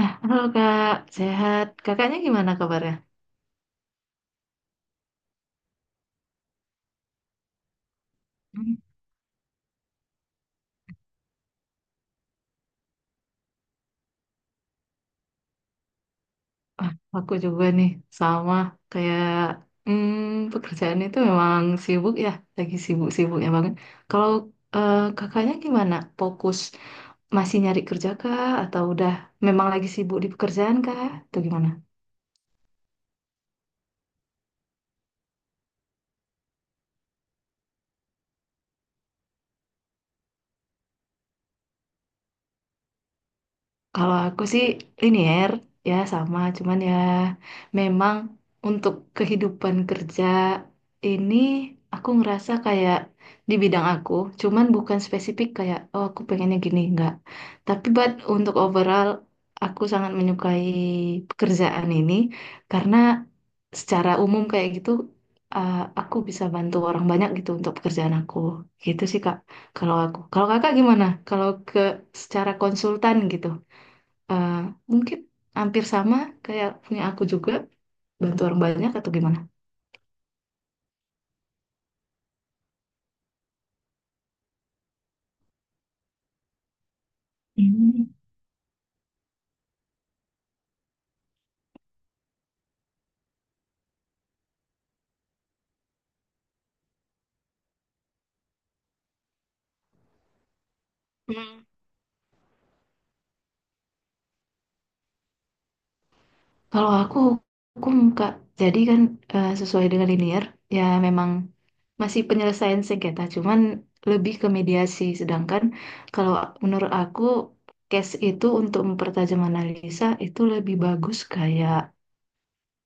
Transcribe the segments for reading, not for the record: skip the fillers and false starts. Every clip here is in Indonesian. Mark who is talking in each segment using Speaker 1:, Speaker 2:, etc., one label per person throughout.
Speaker 1: Halo Kak, sehat. Kakaknya gimana kabarnya? Hmm. Ah, aku juga nih, sama kayak pekerjaan itu memang sibuk ya, lagi sibuk-sibuknya banget. Kalau kakaknya gimana? Fokus masih nyari kerja kah? Atau udah memang lagi sibuk di pekerjaan kah? Atau gimana? Kalau aku sih linier ya sama, cuman ya memang untuk kehidupan kerja ini aku ngerasa kayak di bidang aku, cuman bukan spesifik kayak oh aku pengennya gini enggak. Tapi buat untuk overall aku sangat menyukai pekerjaan ini karena secara umum kayak gitu uh, aku bisa bantu orang banyak gitu untuk pekerjaan aku. Gitu sih Kak. Kalau aku. Kalau Kakak gimana? Kalau ke secara konsultan gitu eh, mungkin hampir sama kayak punya aku juga bantu orang banyak atau gimana? Hmm. Hmm. Kalau aku hukum Kak, jadi kan sesuai dengan linear ya memang masih penyelesaian sengketa, cuman lebih ke mediasi. Sedangkan kalau menurut aku case itu untuk mempertajam analisa itu lebih bagus kayak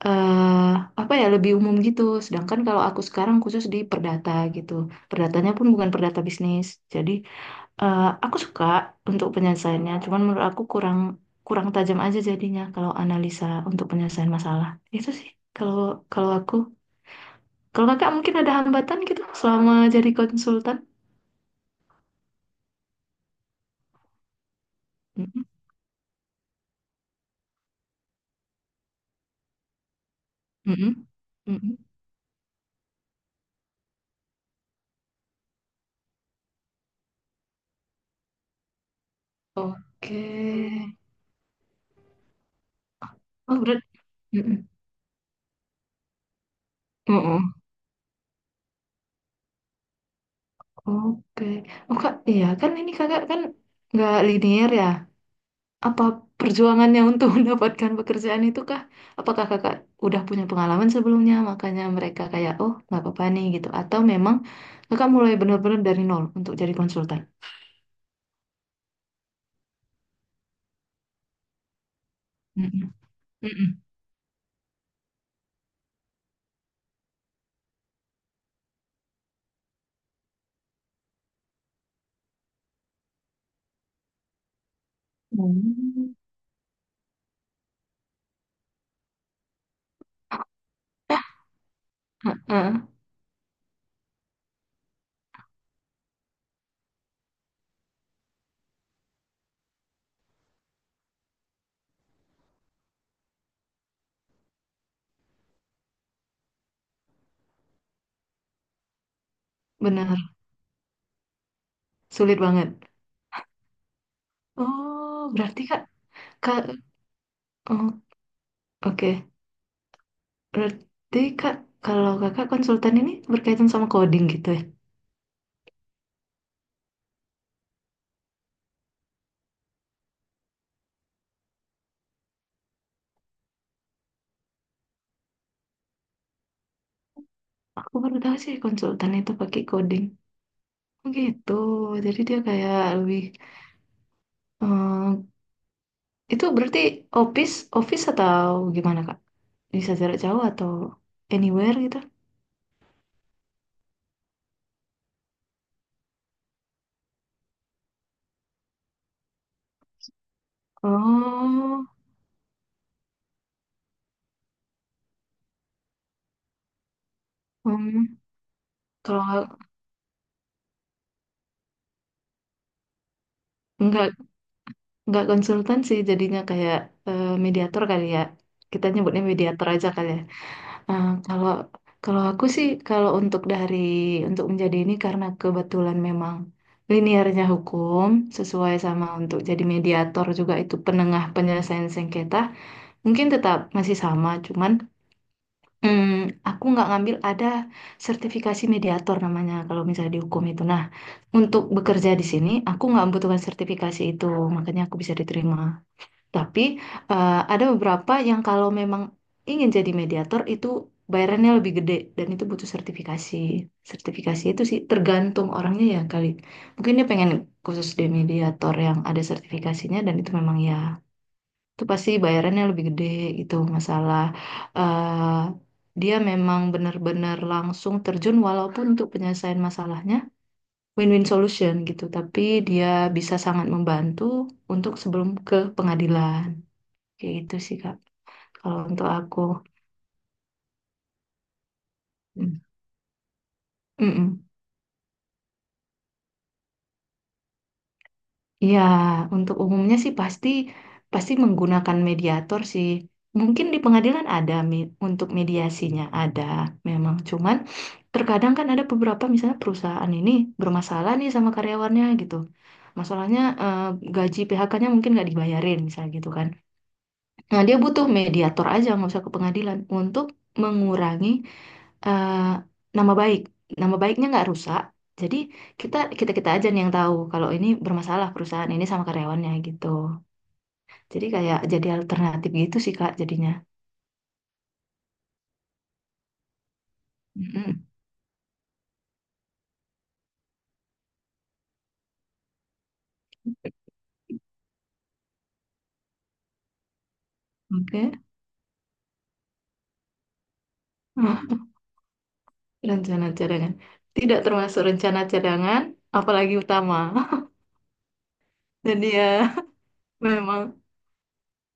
Speaker 1: eh apa ya lebih umum gitu. Sedangkan kalau aku sekarang khusus di perdata gitu, perdatanya pun bukan perdata bisnis, jadi aku suka untuk penyelesaiannya, cuman menurut aku kurang kurang tajam aja jadinya kalau analisa untuk penyelesaian masalah. Itu sih kalau kalau aku. Kalau kakak mungkin ada hambatan gitu selama jadi konsultan. Mm-mm, mm-mm, mm-mm. Oke. Oh, berat. Mm-mm. Mm-mm. Oke. Oh kak, iya kan ini kakak kan nggak linear ya. Apa perjuangannya untuk mendapatkan pekerjaan itu kah? Apakah kakak udah punya pengalaman sebelumnya, makanya mereka kayak, oh nggak apa-apa nih gitu. Atau memang kakak mulai benar-benar dari nol untuk jadi konsultan? Mm-mm. Mm-mm. Hmm. Heeh, benar, sulit banget. Oh, berarti kak, oh, oke. Berarti kak, kalau kakak konsultan ini berkaitan sama coding gitu ya? Aku baru tahu sih konsultan itu pakai coding. Oh gitu, jadi dia kayak lebih. Hmm. Itu berarti office atau gimana Kak? Bisa jarak jauh atau anywhere gitu? Oh, hmm. Kalau nggak nggak konsultan sih jadinya kayak mediator kali ya. Kita nyebutnya mediator aja kali ya. Kalau kalau aku sih kalau untuk dari untuk menjadi ini karena kebetulan memang linearnya hukum sesuai sama untuk jadi mediator juga itu penengah penyelesaian sengketa mungkin tetap masih sama cuman Hmm, aku nggak ngambil ada sertifikasi mediator namanya kalau misalnya di hukum itu. Nah, untuk bekerja di sini aku nggak membutuhkan sertifikasi itu, makanya aku bisa diterima. Tapi ada beberapa yang kalau memang ingin jadi mediator itu bayarannya lebih gede dan itu butuh sertifikasi. Sertifikasi itu sih tergantung orangnya ya kali. Mungkin dia pengen khusus di mediator yang ada sertifikasinya dan itu memang ya itu pasti bayarannya lebih gede gitu masalah eh dia memang benar-benar langsung terjun walaupun untuk penyelesaian masalahnya win-win solution gitu tapi dia bisa sangat membantu untuk sebelum ke pengadilan kayak gitu sih Kak kalau untuk aku. Mm. Mm-mm. Ya, untuk umumnya sih pasti pasti menggunakan mediator sih. Mungkin di pengadilan ada untuk mediasinya ada memang. Cuman terkadang kan ada beberapa misalnya perusahaan ini bermasalah nih sama karyawannya gitu. Masalahnya gaji PHK-nya mungkin nggak dibayarin misalnya gitu kan. Nah, dia butuh mediator aja, nggak usah ke pengadilan, untuk mengurangi eh, nama baik. Nama baiknya nggak rusak. Jadi kita kita kita aja nih yang tahu kalau ini bermasalah perusahaan ini sama karyawannya gitu. Jadi kayak jadi alternatif gitu sih Kak jadinya. Mm-mm. Oke. Ah, rencana cadangan. Tidak termasuk rencana cadangan, apalagi utama. Jadi ya memang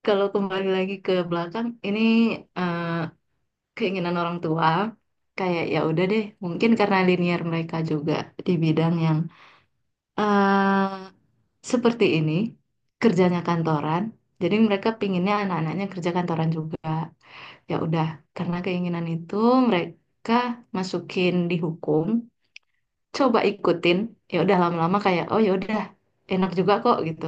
Speaker 1: kalau kembali lagi ke belakang ini eh, keinginan orang tua kayak ya udah deh mungkin karena linear mereka juga di bidang yang eh seperti ini kerjanya kantoran jadi mereka pinginnya anak-anaknya kerja kantoran juga ya udah karena keinginan itu mereka masukin di hukum coba ikutin ya udah lama-lama kayak oh ya udah enak juga kok gitu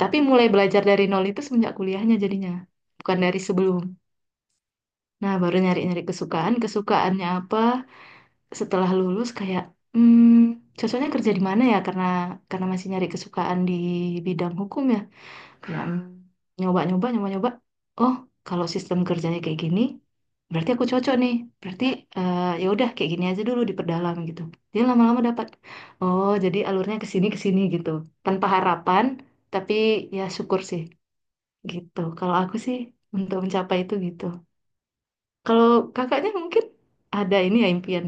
Speaker 1: tapi mulai belajar dari nol itu semenjak kuliahnya jadinya bukan dari sebelum nah baru nyari-nyari kesukaan kesukaannya apa setelah lulus kayak hmm, cocoknya kerja di mana ya karena masih nyari kesukaan di bidang hukum ya kayak nyoba-nyoba oh kalau sistem kerjanya kayak gini berarti aku cocok nih berarti ya udah kayak gini aja dulu diperdalam gitu dia lama-lama dapat oh jadi alurnya ke sini gitu tanpa harapan tapi ya syukur sih gitu kalau aku sih untuk mencapai itu gitu kalau kakaknya mungkin ada ini ya impian.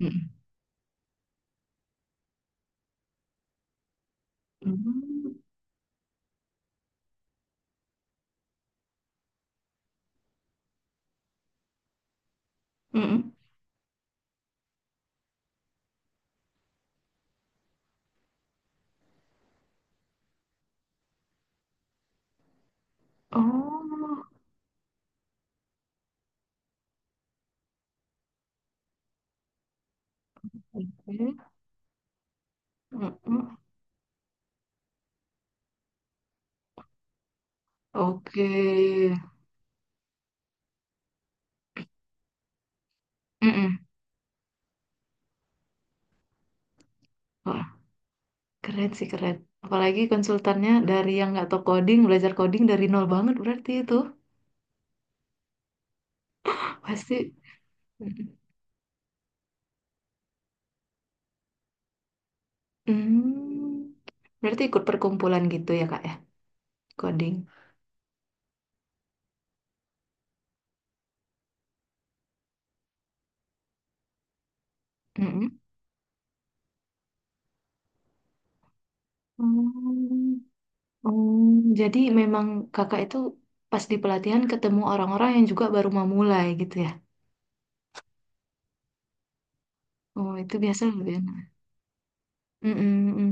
Speaker 1: Mm. Hmm. Mm-mm. Oh, oke. Mm-mm. Oke. Mm-mm. Wah, keren sih keren. Apalagi konsultannya dari yang nggak tahu coding, belajar coding dari nol banget berarti itu. Pasti. Mm-mm. Hmm. Berarti ikut perkumpulan gitu ya, Kak ya, coding. Mm-mm. Hmm. Hmm. Jadi memang kakak itu pas di pelatihan ketemu orang-orang yang juga baru memulai gitu ya. Oh, itu biasa lebih enak. Mm-mm, mm.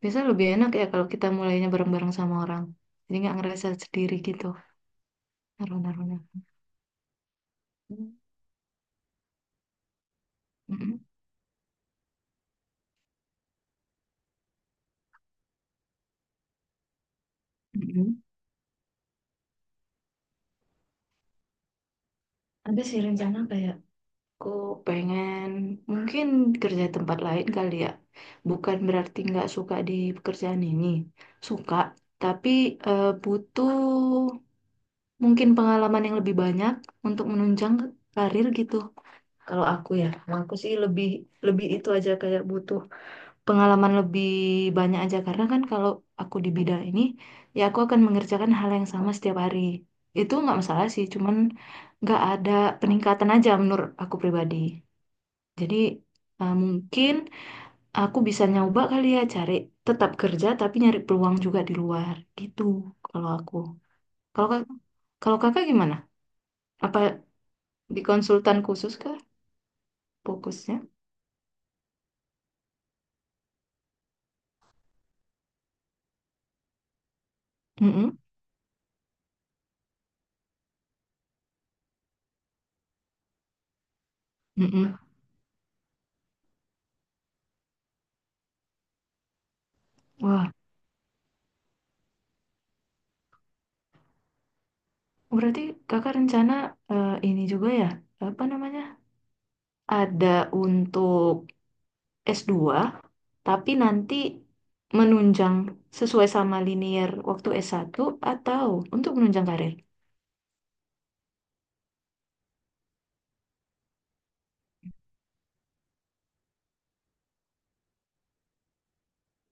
Speaker 1: Biasanya lebih enak ya kalau kita mulainya bareng-bareng sama orang. Jadi nggak ngerasa sendiri gitu, naruh-naruhnya. Hmm. Mm-mm, mm-mm. Ada sih rencana kayak aku pengen mungkin kerja di tempat lain kali ya. Bukan berarti nggak suka di pekerjaan ini. Suka, tapi butuh mungkin pengalaman yang lebih banyak untuk menunjang karir gitu. Kalau aku ya, kalau aku sih lebih lebih itu aja kayak butuh pengalaman lebih banyak aja karena kan kalau aku di bidang ini ya aku akan mengerjakan hal yang sama setiap hari itu nggak masalah sih cuman nggak ada peningkatan aja menurut aku pribadi jadi mungkin aku bisa nyoba kali ya cari tetap kerja tapi nyari peluang juga di luar gitu kalau aku kalau kalau kakak gimana apa di konsultan khusus kah fokusnya. Mm-mm, mm-mm. Wah, berarti kakak rencana ini juga ya, apa namanya, ada untuk S2, tapi nanti menunjang sesuai sama linear waktu S1 atau untuk menunjang karir.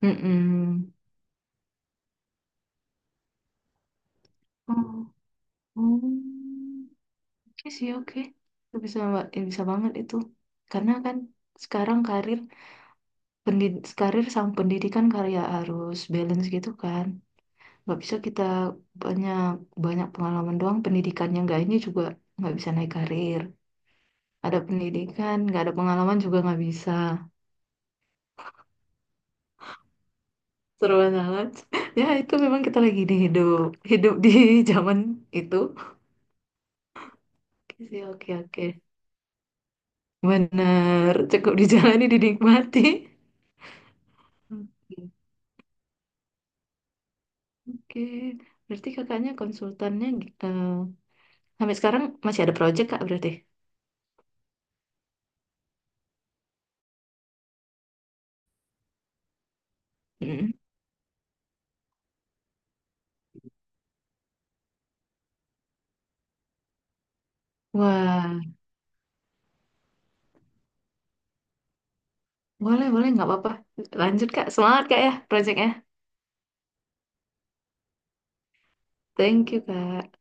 Speaker 1: Mm-mm. Oh, oh. Oke sih, oke. Itu bisa, mbak, bisa banget itu. Karena kan sekarang karir karir sama pendidikan karya harus balance gitu kan. Nggak bisa kita banyak banyak pengalaman doang pendidikannya nggak ini juga nggak bisa naik karir. Ada pendidikan, nggak ada pengalaman juga nggak bisa. Seru banget. Ya, itu memang kita lagi hidup di zaman itu. Oke sih, oke, oke. Benar, cukup dijalani, dinikmati. Oke, oke. Berarti kakaknya konsultannya eh, sampai sekarang masih ada project, Kak, berarti? Mm. Wah, boleh, boleh, nggak apa-apa. Lanjut, Kak. Semangat, Kak, ya, projectnya. Thank you, Kak.